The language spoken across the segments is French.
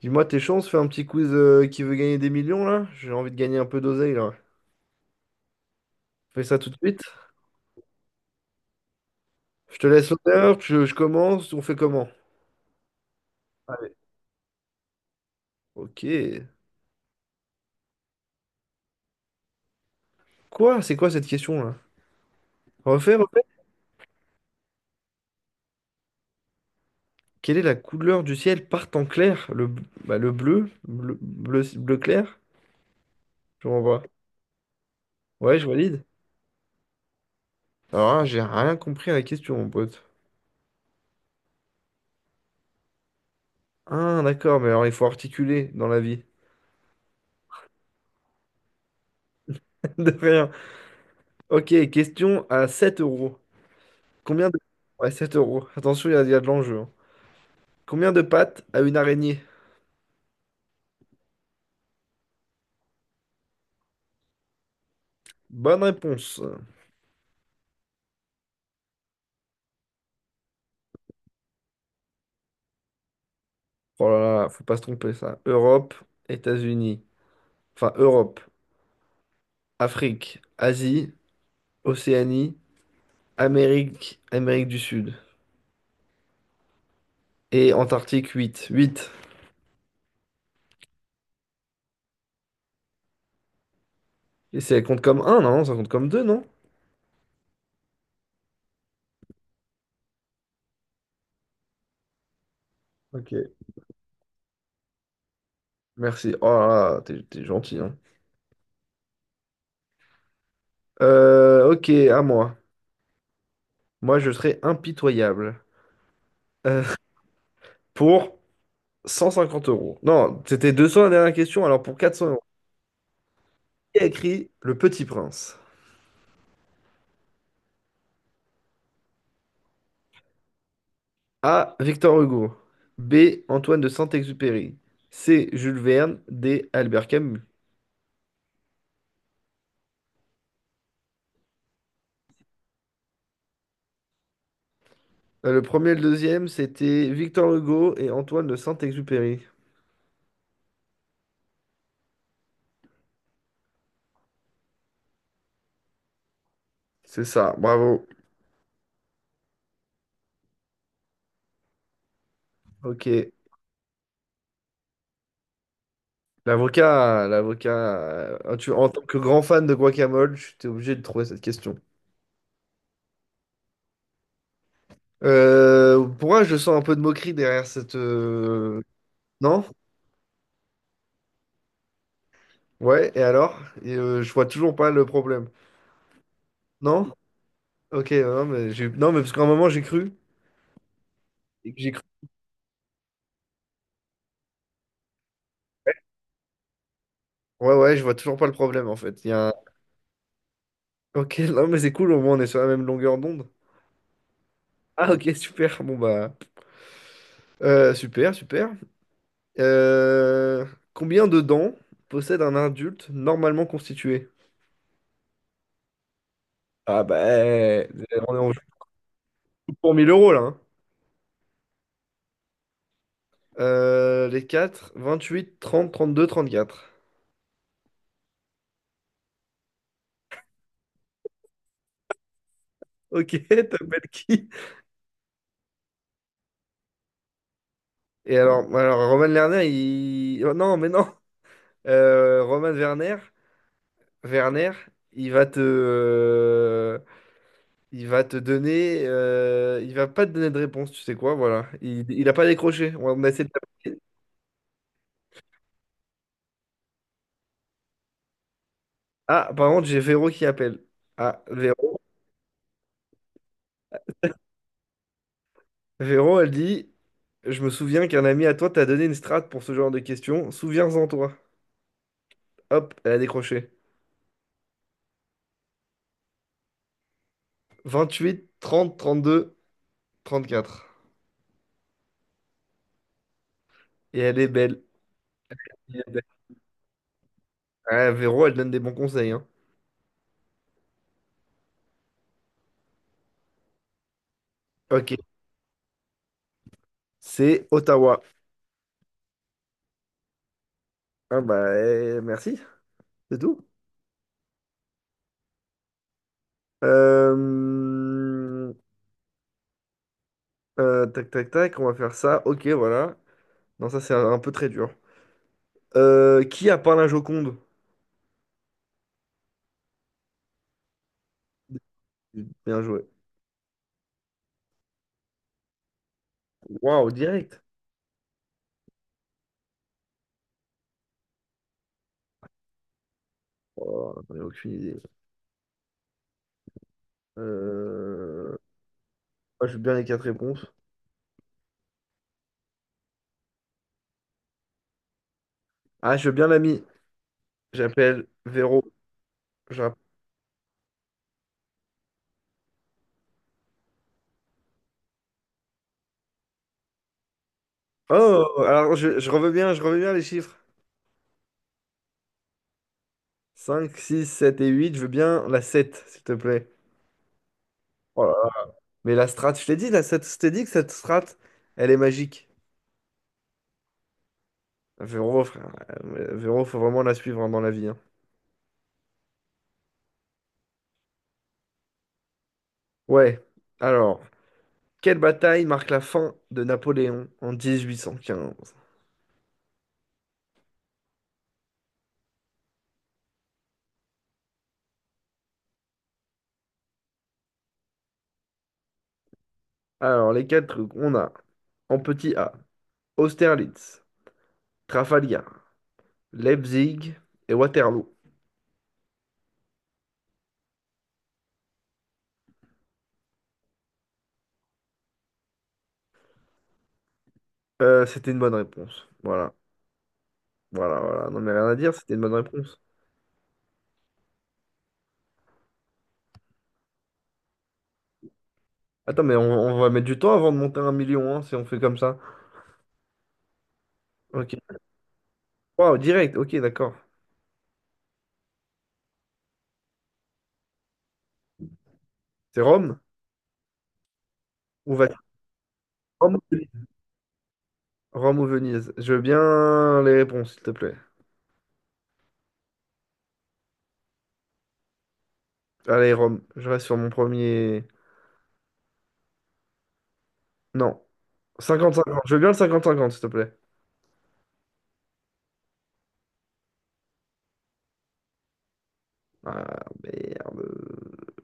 Dis-moi tes chances, fais un petit quiz qui veut gagner des millions là. J'ai envie de gagner un peu d'oseille là. Fais ça tout de suite. Je te laisse l'honneur, je commence, on fait comment? Allez. Ok. Quoi? C'est quoi cette question là? Refais, refais. Quelle est la couleur du ciel par temps clair? Bah, le bleu, bleu, bleu, bleu clair? Je renvoie. Ouais, je valide. Alors là, j'ai rien compris à la question, mon pote. Ah, d'accord, mais alors il faut articuler dans la vie. De rien. Ok, question à 7 euros. Combien de... Ouais, 7 euros. Attention, il y a de l'enjeu, hein. Combien de pattes a une araignée? Bonne réponse. Oh là là, faut pas se tromper ça. Europe, États-Unis. Enfin, Europe, Afrique, Asie, Océanie, Amérique, Amérique du Sud. Et Antarctique, 8, 8. Et ça compte comme un non? Ça compte comme 2 non? Ok, merci. Oh là là, t'es gentil, hein. Ok, à moi. Moi, je serai impitoyable. Euh, pour 150 euros. Non, c'était 200 la dernière question, alors pour 400 euros. Qui a écrit Le Petit Prince? A. Victor Hugo. B. Antoine de Saint-Exupéry. C. Jules Verne. D. Albert Camus. Le premier et le deuxième, c'était Victor Hugo et Antoine de Saint-Exupéry. C'est ça, bravo. Ok. L'avocat, l'avocat, en tant que grand fan de guacamole, tu t'es obligé de trouver cette question. Pourquoi je sens un peu de moquerie derrière cette... Non? Ouais, et alors? Et, je vois toujours pas le problème. Non? Ok, non, mais parce qu'à un moment, j'ai cru. J'ai cru Ouais, ouais, je vois toujours pas le problème en fait. Il y a un- Ok, non, mais c'est cool, au moins on est sur la même longueur d'onde. Ah, ok, super. Bon, bah. Super, super. Euh, Combien de dents possède un adulte normalement constitué? Ah, bah. On est en jeu pour 1 000 euros là, hein. Les 30 32 34. Ok, t'appelles qui? Et alors Roman Lerner, il. Oh, non, mais non! Roman Werner, il va te. euh, Il va te donner, il va pas te donner de réponse, tu sais quoi, voilà. Il a pas décroché. On a essayé de l'appeler. Ah, par contre, j'ai Véro qui appelle. Ah, Véro. Véro, elle dit, je me souviens qu'un ami à toi t'a donné une strate pour ce genre de questions. Souviens-en toi. Hop, elle a décroché. 28, 30, 32, 34. Et elle est belle. Elle est belle. Ah, Véro, elle donne des bons conseils, hein. Ok. C'est Ottawa. Ah bah, eh, merci. C'est tout. Euh, tac, tac, tac, on va faire ça. Ok, voilà. Non, ça, c'est un peu très dur. Qui a peint la Joconde? Bien joué. Waouh, direct. Oh, j'en ai aucune idée. Euh, ah, je veux bien les quatre réponses. Ah, je veux bien l'ami. J'appelle Véro. J'app- Oh, alors je revois bien les chiffres. 5, 6, 7 et 8. Je veux bien la sept, s'il te plaît. Oh là là. Mais la strat, je t'ai dit, la sept, je t'ai dit que cette strat, elle est magique. Véro, frère. Véro, faut vraiment la suivre, hein, dans la vie, hein. Ouais. Alors, quelle bataille marque la fin de Napoléon en 1815? Alors, les quatre trucs, on a en petit A, Austerlitz, Trafalgar, Leipzig et Waterloo. C'était une bonne réponse. Voilà, voilà, voilà. Non, mais rien à dire, c'était une bonne réponse. Attends, mais on va mettre du temps avant de monter à 1 million, hein, si on fait comme ça. Ok. Wow, direct, ok, d'accord. C'est Rome ou Vatican? Rome ou Venise? Rome ou Venise? Je veux bien les réponses, s'il te plaît. Allez, Rome, je reste sur mon premier. Non. Cinquante cinquante. Je veux bien le cinquante cinquante, s'il te plaît. Ah, merde.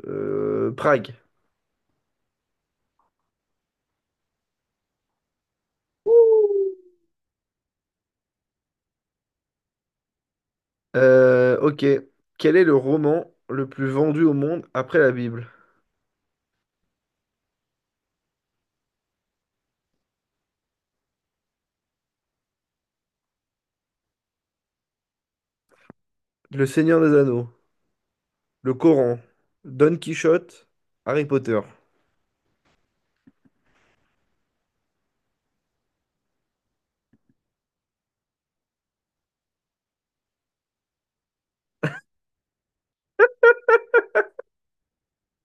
Prague. Ok. Quel est le roman le plus vendu au monde après la Bible? Le Seigneur des Anneaux, le Coran, Don Quichotte, Harry Potter.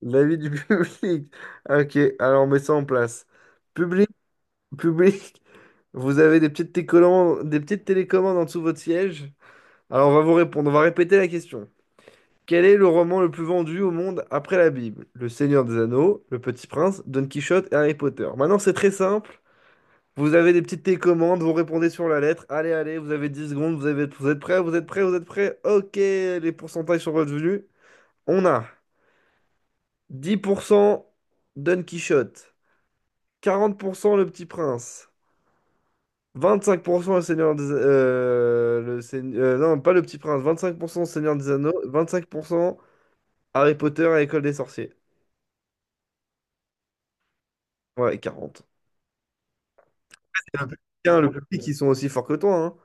L'avis du public. Ok, alors on met ça en place. Public, public, vous avez des petites télécommandes en dessous de votre siège. Alors on va vous répondre, on va répéter la question. Quel est le roman le plus vendu au monde après la Bible? Le Seigneur des Anneaux, Le Petit Prince, Don Quichotte et Harry Potter. Maintenant, c'est très simple. Vous avez des petites télécommandes, vous répondez sur la lettre. Allez, allez, vous avez 10 secondes, vous êtes prêts, vous êtes prêts, vous êtes prêts. Ok, les pourcentages sont revenus. On a 10% Don Quichotte, 40% Le Petit Prince, 25% Le Seigneur des... non, pas Le Petit Prince, 25% Seigneur des Anneaux, 25% Harry Potter à l'École des Sorciers. Ouais, et 40. Le public, hein, le public, ils sont aussi forts que toi, hein.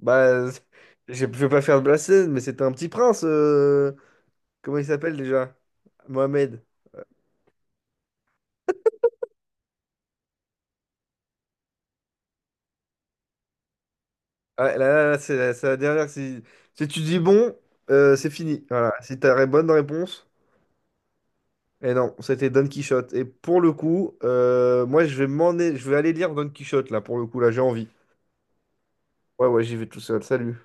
Bah, je vais pas faire de blasphème, mais c'était un petit prince. Comment il s'appelle déjà? Mohamed. Ah, là, là, là, c'est la dernière. Si tu dis bon, c'est fini. Voilà. Si tu as bonne réponse. Et non, c'était Don Quichotte. Et pour le coup, moi, je vais aller lire Don Quichotte, là, pour le coup, là, j'ai envie. Ouais, ouais, j'y vais tout seul. Salut.